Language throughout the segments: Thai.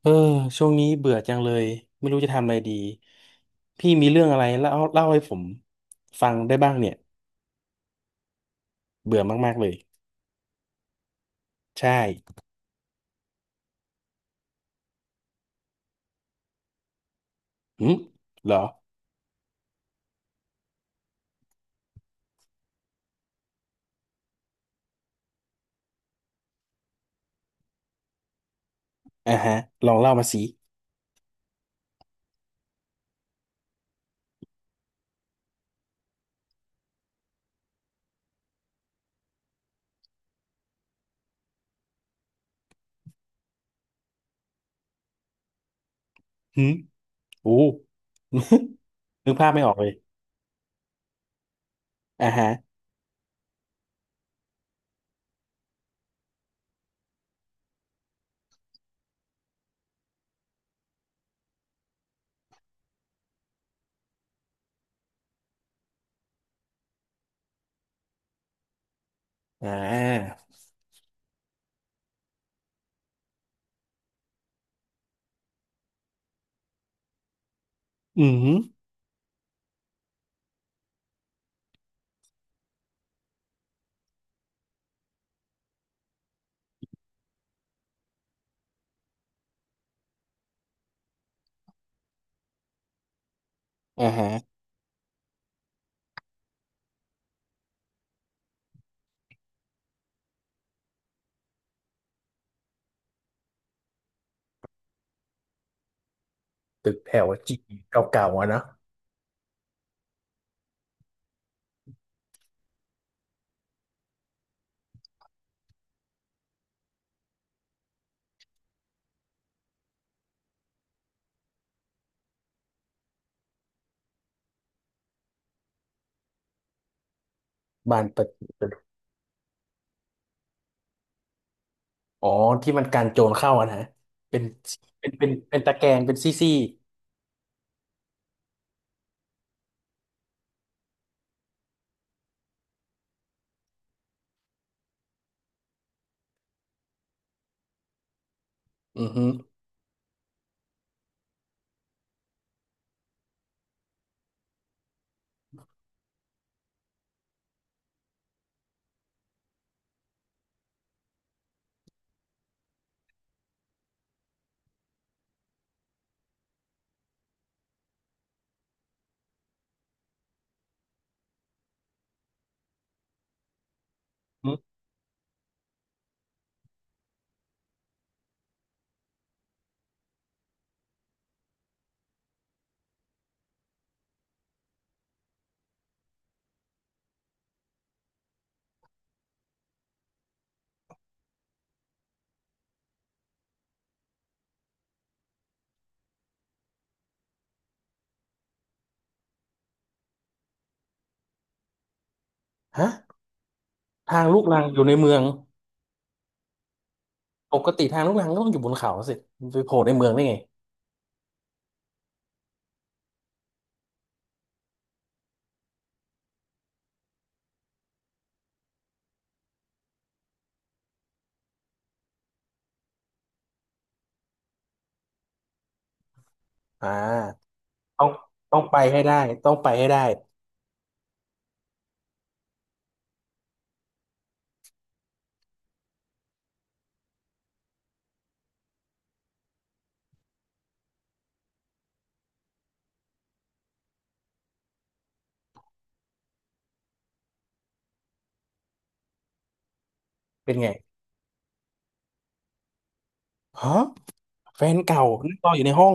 เออช่วงนี้เบื่อจังเลยไม่รู้จะทำอะไรดีพี่มีเรื่องอะไรเล่าให้ผมฟังได้บ้างเนี่ยเบื่อมากๆเลยใช่หืมเหรออ่าฮะลองเล่ามาสิหืมโอ้ นึกภาพไม่ออกเลยอ่าฮะอ่าอืมอ่าฮะตึกแถวจีเก่าๆอะนะบ้านประตูอ๋อที่มันกันโจรเข้าอะนะเป็นเป็นตะแกรงเป็นซี่ๆอือฮึหืมฮะทางลูกรังอยู่ในเมือง ปกติทางลูกรังก็ต้องอยู่บนเขาสิมันไปโผล่ในเมืองได้ไงอ่าต้องต้องไปให้ได้ต้องไปให้ได้เป็นไงฮะแฟนเก่านั่งรออยู่ในห้อง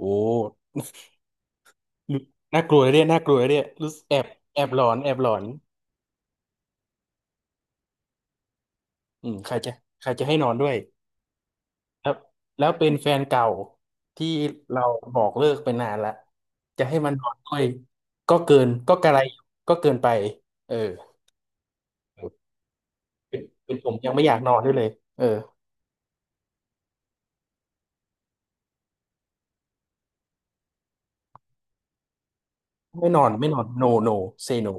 โอ้รู้น่ากลัวเลยเนี่ยน่ากลัวเลยเนี่ยรู้สึกแอบแอบหลอนแอบหลอนอืมใครจะใครจะให้นอนด้วยครับแล้วเป็นแฟนเก่าที่เราบอกเลิกไปนานละจะให้มันนอนด้วยก็เกินก็กระไรอยู่ก็เกินไปเออเป็นเป็นผมยังไม่อยากนอนด้วยเลยเออ ไม่นอนไม่นอน no no say no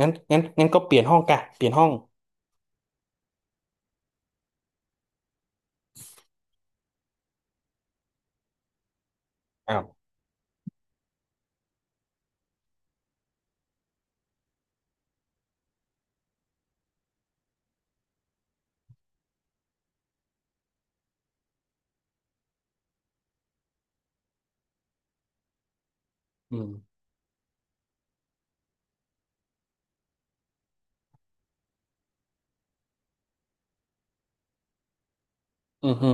งั้นก็เปลี่ยนห้องกะเปลี่ยนห้องอ้าวอืมอือฮึ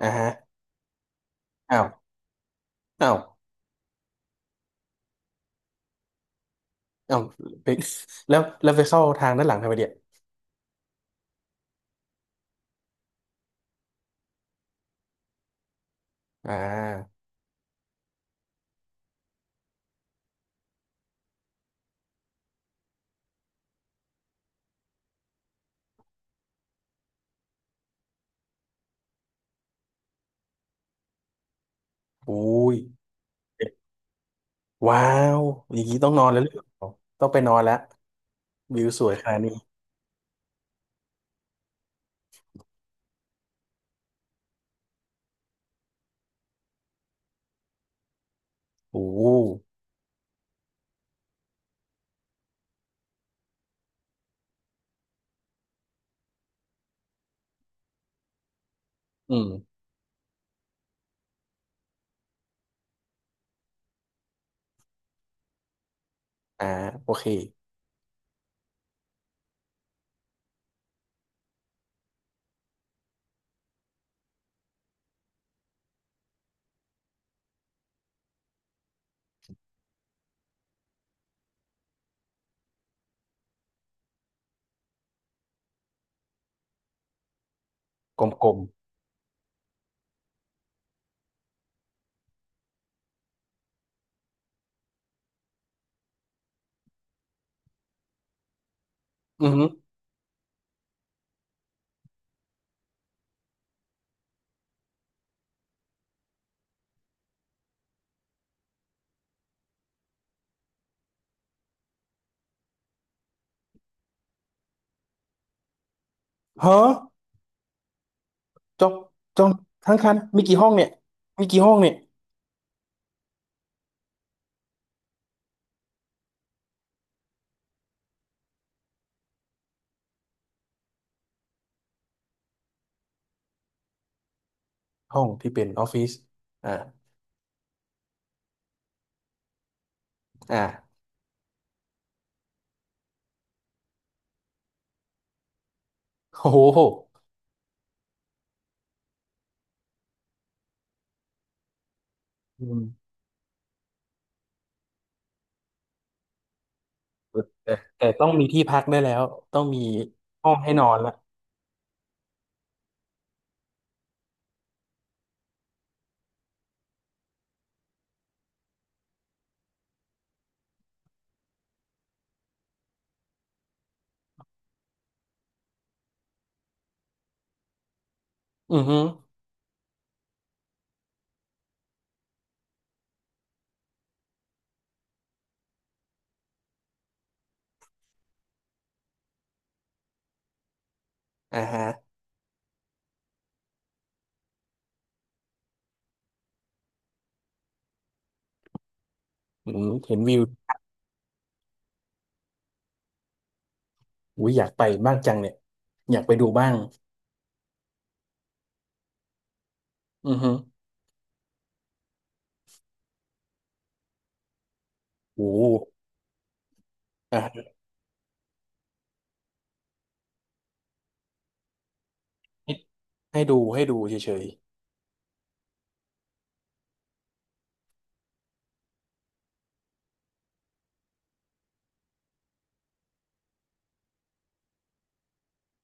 อ่าฮะอ้าวอ้าวอ้าวไปแล้วแล้วไปเข้าทางด้านหลังทำไมเดียอ่าอุ้ยว้าวอย่างนี้ต้องนอนแล้วหรือเปล่าต้องไปนอนแล้ววิวสวยขนาดนี้โอ้อืมอ่าโอเคกลมๆอือฮึเฮ้อจองจองทั้งคันมีกี่ห้องเนี่ยมีกี่ห้องเนี่ยห้องที่เป็นออฟฟิศอ่าอ่าโอ้โห อืมแต่แต่ต้องมีที่พักได้แล้วต้องมีห้องให้นอนละอือฮึอ่าฮะอืมเห็นวิวอุ้ยอยากไปบ้างจังเนี่ยอยากไปดูบ้างอือฮึโอ้โหอ่าฮะให้ให้ดูเฉย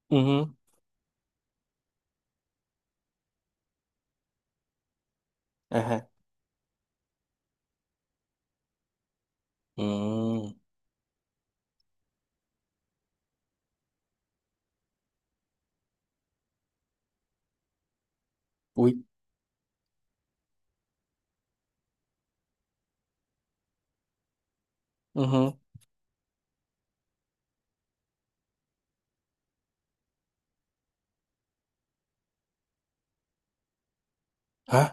ๆอือฮึอ่าฮะอืมอุ้ยอือฮึฮะ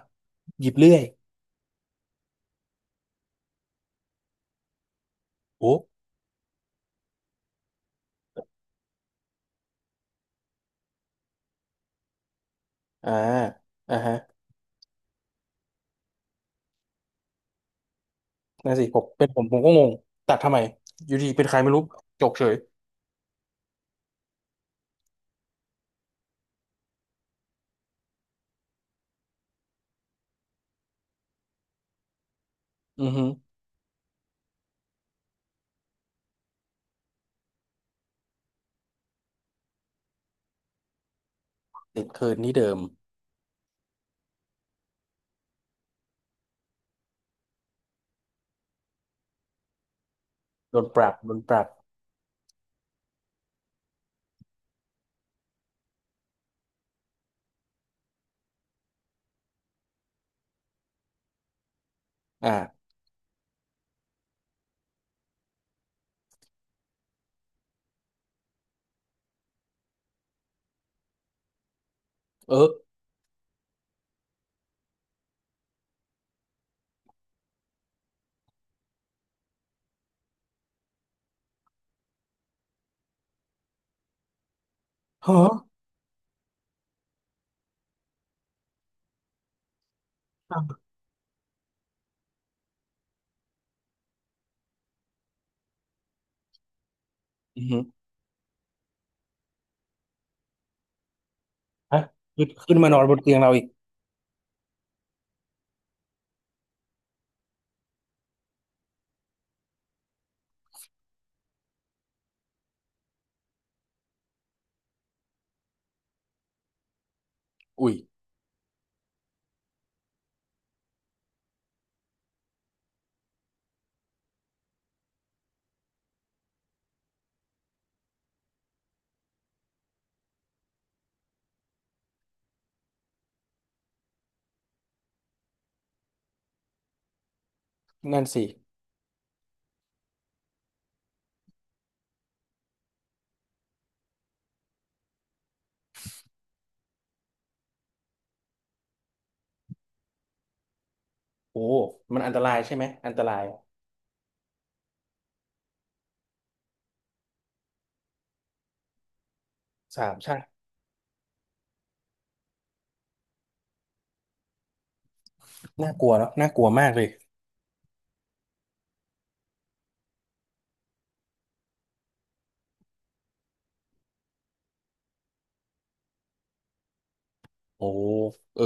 หยิบเลื่อยโอ้อ่าอ่าฮะนั่นสิผมเป็นผมผมก็งงตัดทำไมอยู่ดีเป็นใครไม่รู้จกเฉยอือฮึติดคืนที่เดิมโดนปรับโดนปรับอ่าเออ ฮะอ่ะอือฮึฮะขึ้นมานอนบนเตียงเราอีกอุ้ยนั่นสิโอ้มันอันตรายใช่ไหมอันตรายสามชาติน่ากลัวเนาะน่ากลัวมากเลยโอ้เออ